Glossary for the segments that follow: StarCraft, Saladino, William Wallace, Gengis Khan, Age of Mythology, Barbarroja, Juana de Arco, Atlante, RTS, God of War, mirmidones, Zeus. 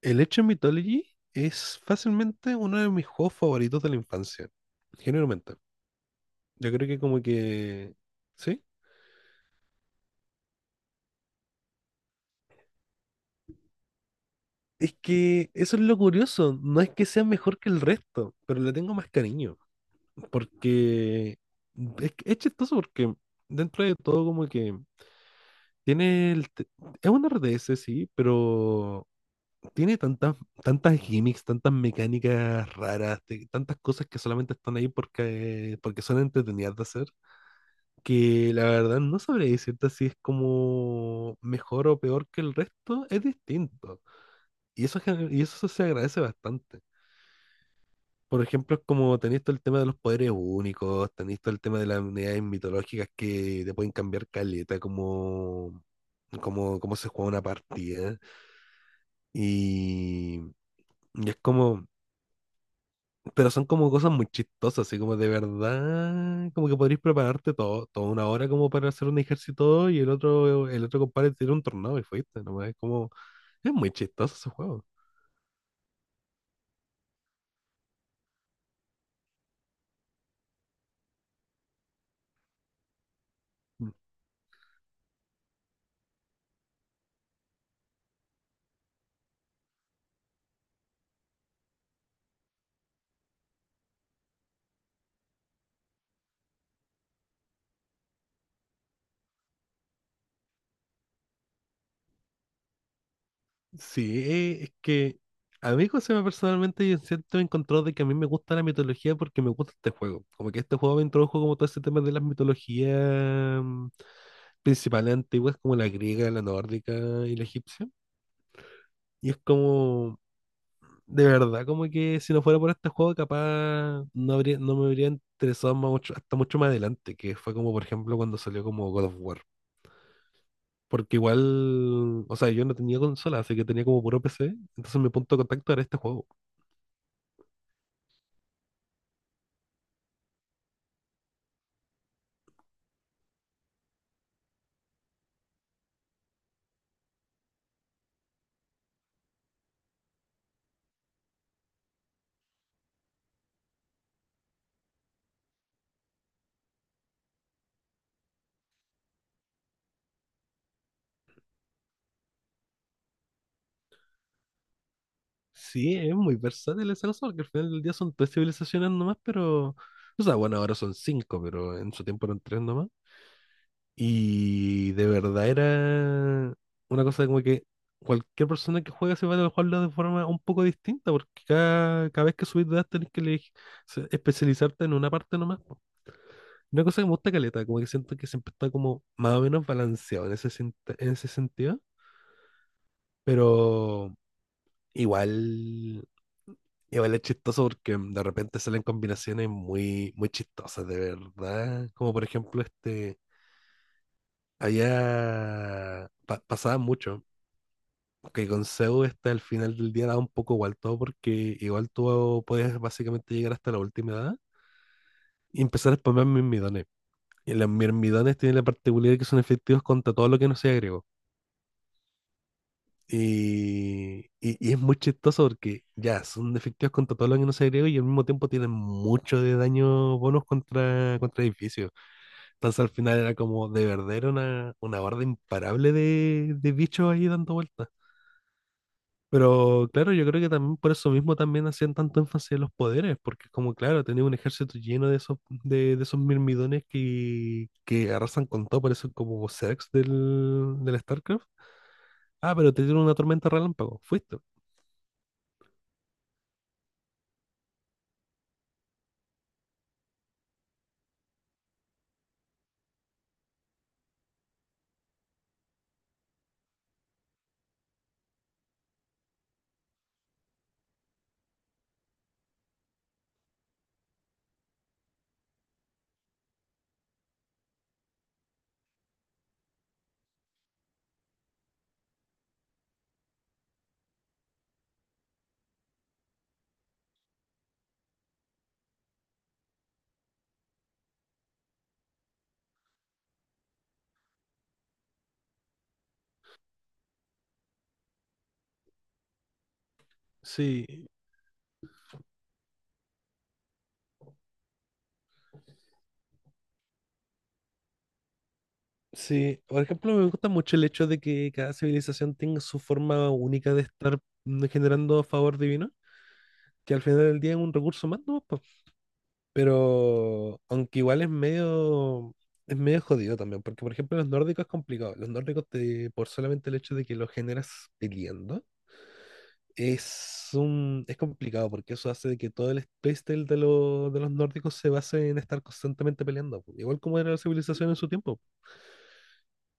El Age of Mythology es fácilmente uno de mis juegos favoritos de la infancia, generalmente. Yo creo que como que... ¿Sí? Es que eso es lo curioso, no es que sea mejor que el resto, pero le tengo más cariño, porque es chistoso porque dentro de todo como que tiene es un RTS, sí, pero tiene tantas gimmicks, tantas mecánicas raras, tantas cosas que solamente están ahí porque son entretenidas de hacer que la verdad no sabría decirte si es como mejor o peor que el resto, es distinto. Y eso, eso se agradece bastante. Por ejemplo, es como tenéis todo el tema de los poderes únicos, tenéis todo el tema de las unidades mitológicas que te pueden cambiar caleta, como se juega una partida. Y, y es como, pero son como cosas muy chistosas, así como de verdad, como que podrías prepararte todo, toda una hora como para hacer un ejército y el otro compadre tiene un tornado y fuiste, nomás es como, es muy chistoso ese juego. Mm. Sí, es que a mí Josema personalmente yo siento encontró de que a mí me gusta la mitología porque me gusta este juego. Como que este juego me introdujo como todo ese tema de las mitologías principales antiguas como la griega, la nórdica y la egipcia. Y es como, de verdad, como que si no fuera por este juego, capaz no habría, no me habría interesado más mucho, hasta mucho más adelante, que fue como, por ejemplo, cuando salió como God of War. Porque igual, o sea, yo no tenía consola, así que tenía como puro PC, entonces mi punto de contacto era este juego. Sí, es muy versátil esa cosa porque al final del día son tres civilizaciones nomás, pero... O sea, bueno, ahora son cinco, pero en su tiempo eran tres nomás. Y de verdad era una cosa de como que cualquier persona que juega se va a jugarlo de forma un poco distinta, porque cada vez que subís de edad tenés que especializarte en una parte nomás, po. Una cosa que me gusta caleta, como que siento que siempre está como más o menos balanceado en en ese sentido, pero igual, igual es chistoso porque de repente salen combinaciones muy chistosas, de verdad. Como por ejemplo este... pasaba mucho que con Zeus este, al final del día da un poco igual todo porque igual tú puedes básicamente llegar hasta la última edad y empezar a spamear mirmidones. Y los mirmidones tienen la particularidad que son efectivos contra todo lo que no sea griego. Y es muy chistoso porque ya son efectivos contra todo lo que no sea griego y al mismo tiempo tienen mucho de daño bonus contra edificios. Entonces al final era como de verdad era una horda imparable de bichos ahí dando vueltas. Pero claro, yo creo que también por eso mismo también hacían tanto énfasis en los poderes, porque es como claro, tenía un ejército lleno de esos, de esos mirmidones que arrasan con todo, por eso como Zex del StarCraft. Ah, pero te dieron una tormenta relámpago, fuiste. Sí, sí. Por ejemplo, me gusta mucho el hecho de que cada civilización tenga su forma única de estar generando favor divino, que al final del día es un recurso más, ¿no? Pero aunque igual es medio jodido también, porque por ejemplo los nórdicos es complicado. Por solamente el hecho de que los generas peleando, es es complicado porque eso hace de que todo el space del- de, lo- de los nórdicos se base en estar constantemente peleando, po, igual como era la civilización en su tiempo.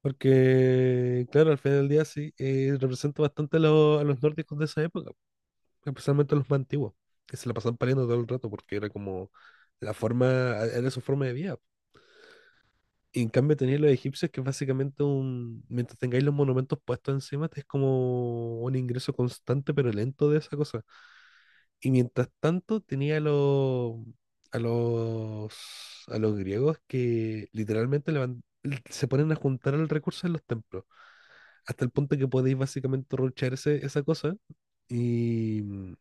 Porque claro, al final del día sí, representa bastante a, a los nórdicos de esa época, especialmente a los más antiguos, que se la pasaban peleando todo el rato porque era como la forma, era su forma de vida. Y en cambio tenéis los egipcios que es básicamente mientras tengáis los monumentos puestos encima, es como un ingreso constante pero lento de esa cosa. Y mientras tanto tenía a a los, a los griegos que literalmente se ponen a juntar el recurso en los templos, hasta el punto que podéis básicamente ruchar esa cosa. Y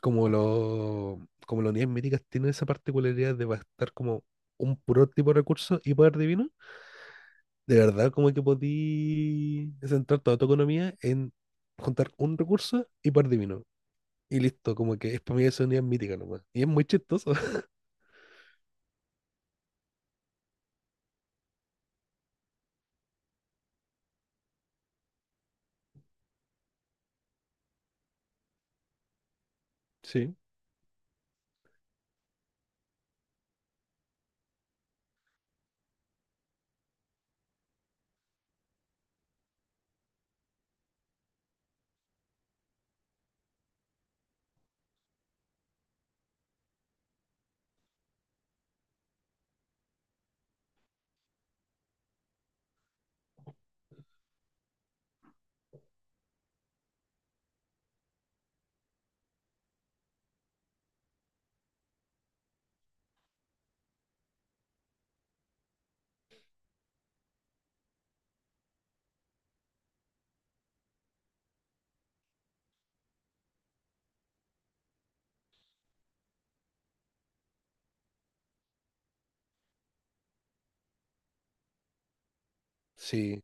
como, lo, como las unidades médicas tienen esa particularidad de bastar como un puro tipo de recurso y poder divino de verdad, como que podí centrar toda tu economía en juntar un recurso y par de vino. Y listo, como que es para mí esa unidad mítica nomás. Y es muy chistoso. Sí, sí.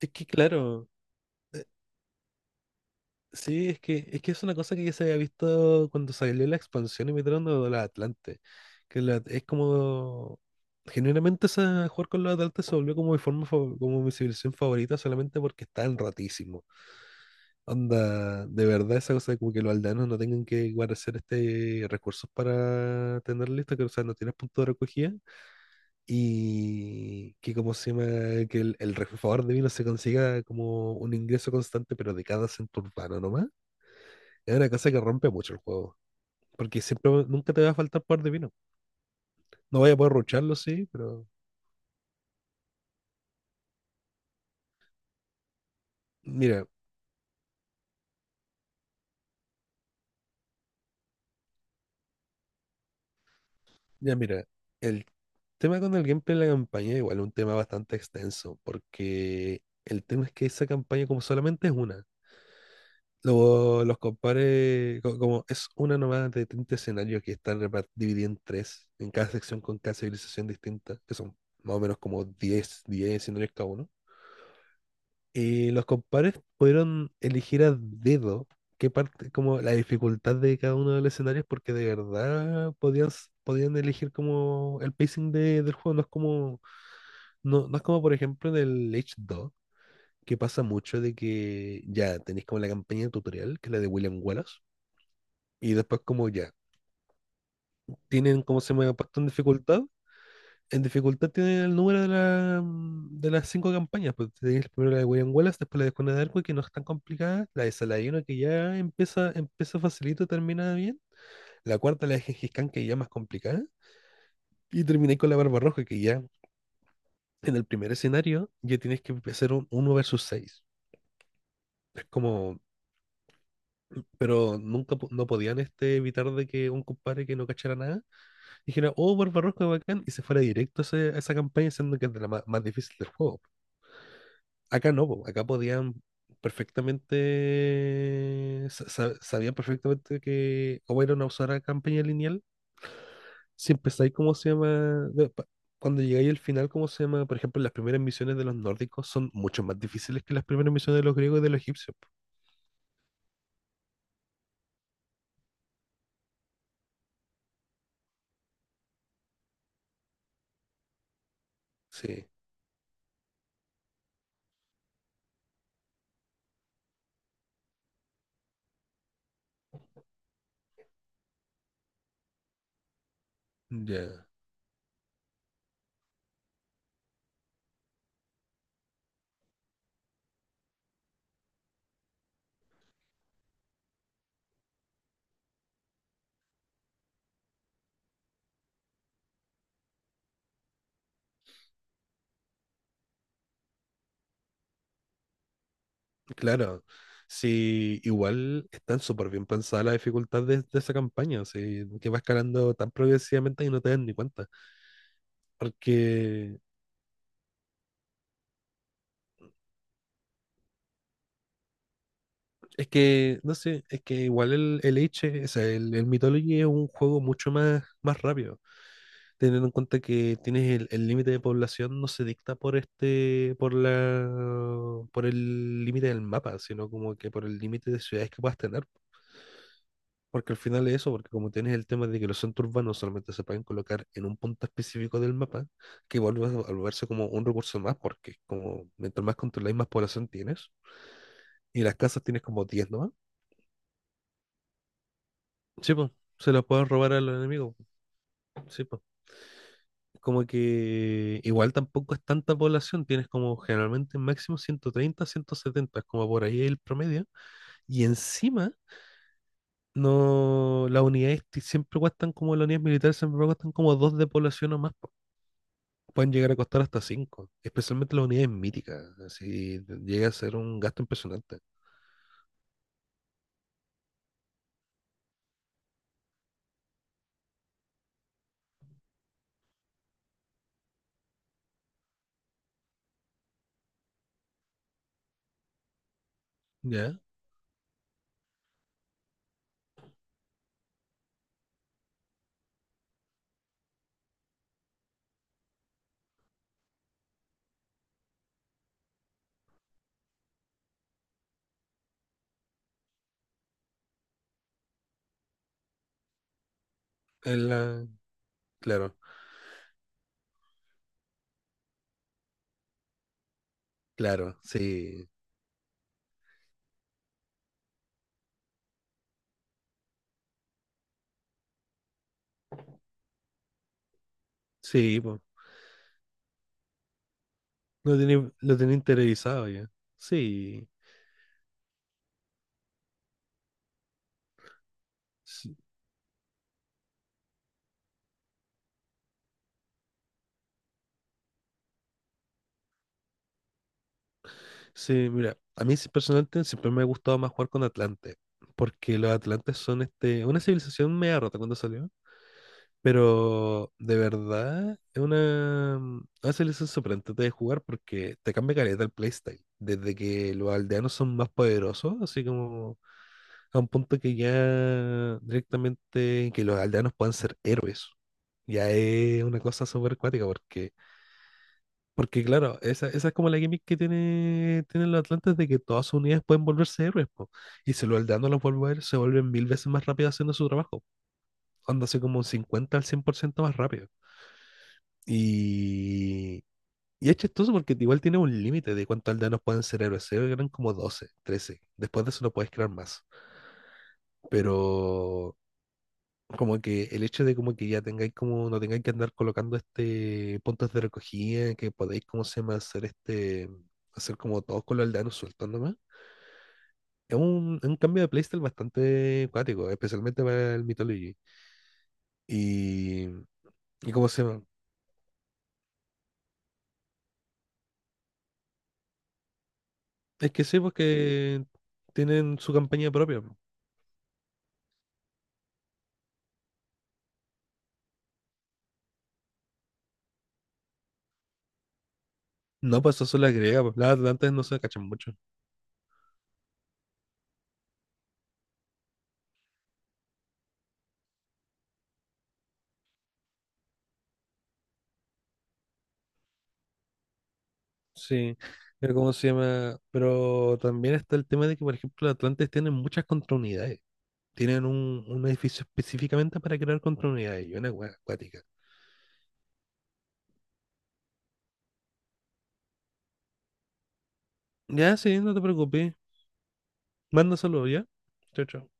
Es que claro, sí, es que es una cosa que ya se había visto cuando salió la expansión y metieron a la Atlante. Que la- es como. Genuinamente esa, jugar con los Atlantes se volvió como mi como mi civilización favorita solamente porque estaban rotísimos. Onda, de verdad, esa cosa de como que los aldeanos no tengan que guardar este recursos para tener listo, que o sea, no tienes punto de recogida. Y que como se llama, que el refrigerador de vino se consiga como un ingreso constante, pero de cada centro urbano nomás. Es una cosa que rompe mucho el juego. Porque siempre, nunca te va a faltar poder de vino. No vaya a poder rucharlo, sí, pero. Mira, ya mira. El tema con el gameplay de la campaña, igual es un tema bastante extenso, porque. El tema es que esa campaña como solamente es una. Como es una nómada de 30 escenarios que están divididos en tres, en cada sección con cada civilización distinta, que son más o menos como 10 10 escenarios cada uno. Y los compares pudieron elegir a dedo qué parte, como la dificultad de cada uno de los escenarios, porque de verdad podían, podían elegir como el pacing del juego. No es como por ejemplo en el Age 2 que pasa mucho de que ya tenéis como la campaña tutorial, que es la de William Wallace. Y después como ya, tienen como se llama puesto en dificultad. En dificultad tienen el número de las cinco campañas. Pues tenéis primero la de William Wallace, después la de Juana de Arco, que no es tan complicada. La de Saladino, empieza facilito, termina bien. La cuarta, la de Gengis Khan, que ya es más complicada. Y terminé con la Barbarroja, que ya en el primer escenario ya tienes que hacer un uno versus seis. Es como, pero nunca po- no podían este, evitar de que un compadre que no cachara nada dijera, oh, Barbarroja, bacán, y se fuera directo a a esa campaña, siendo que es de más difícil del juego. Acá no, po, acá podían perfectamente, sabían perfectamente que o era una usar campaña lineal, si empezáis, ¿cómo se llama? De- pa- Cuando llegáis al final, ¿cómo se llama? Por ejemplo, las primeras misiones de los nórdicos son mucho más difíciles que las primeras misiones de los griegos y de los egipcios, po. Sí, ya. Claro, sí, igual están súper bien pensadas las dificultades de esa campaña, sí, que va escalando tan progresivamente y no te das ni cuenta. Porque es que, no sé, es que igual o sea, el Mythology es un juego mucho más, más rápido, teniendo en cuenta que tienes el límite de población no se dicta por este, por el límite del mapa, sino como que por el límite de ciudades que puedas tener. Porque al final es eso, porque como tienes el tema de que los centros urbanos solamente se pueden colocar en un punto específico del mapa, que vuelve a volverse como un recurso más, porque como mientras más controláis, más población tienes, y las casas tienes como 10 nomás. Sí, pues, se las pueden robar al enemigo. Sí, pues. Como que igual tampoco es tanta población, tienes como generalmente máximo 130, 170, es como por ahí el promedio, y encima... No, las unidades siempre cuestan como las unidades militares, siempre cuestan como dos de población o más. Pueden llegar a costar hasta 5, especialmente las unidades míticas, así llega a ser un gasto impresionante. ¿Ya? En la... Claro, claro, sí, sí, po. Lo tenía interiorizado ya. Sí, sí, sí, mira, a mí sí, personalmente siempre me ha gustado más jugar con Atlante, porque los Atlantes son este, una civilización media rota cuando salió. Pero de verdad, es una selección sorprendente de jugar porque te cambia caleta el playstyle. Desde que los aldeanos son más poderosos, así como a un punto que ya directamente que los aldeanos puedan ser héroes. Ya es una cosa súper cuática porque, porque claro, esa es como la gimmick que tienen los atlantes de que todas sus unidades pueden volverse héroes, po. Y si los aldeanos los vuelven, se vuelven mil veces más rápido haciendo su trabajo. Onda así como un 50 al 100% más rápido. Y, y es chistoso porque igual tiene un límite de cuántos aldeanos pueden ser héroes. Se eran como 12, trece. Después de eso no puedes crear más. Pero como que el hecho de como que ya tengáis como, no tengáis que andar colocando este puntos de recogida, que podéis, como se llama, hacer este, hacer como todos con los aldeanos sueltos nomás. Es es un cambio de playstyle bastante cuático, especialmente para el Mythology. Y, y cómo se llama. Es que sí, porque tienen su campaña propia. No, pues eso es la griega, pues las atlantes no se cachan mucho. Sí, pero ¿cómo se llama? Pero también está el tema de que, por ejemplo, los atlantes tienen muchas contraunidades. Tienen un edificio específicamente para crear contraunidades y una wea acuática. Ya, sí, no te preocupes. Mándaselo ya. Chao, chao.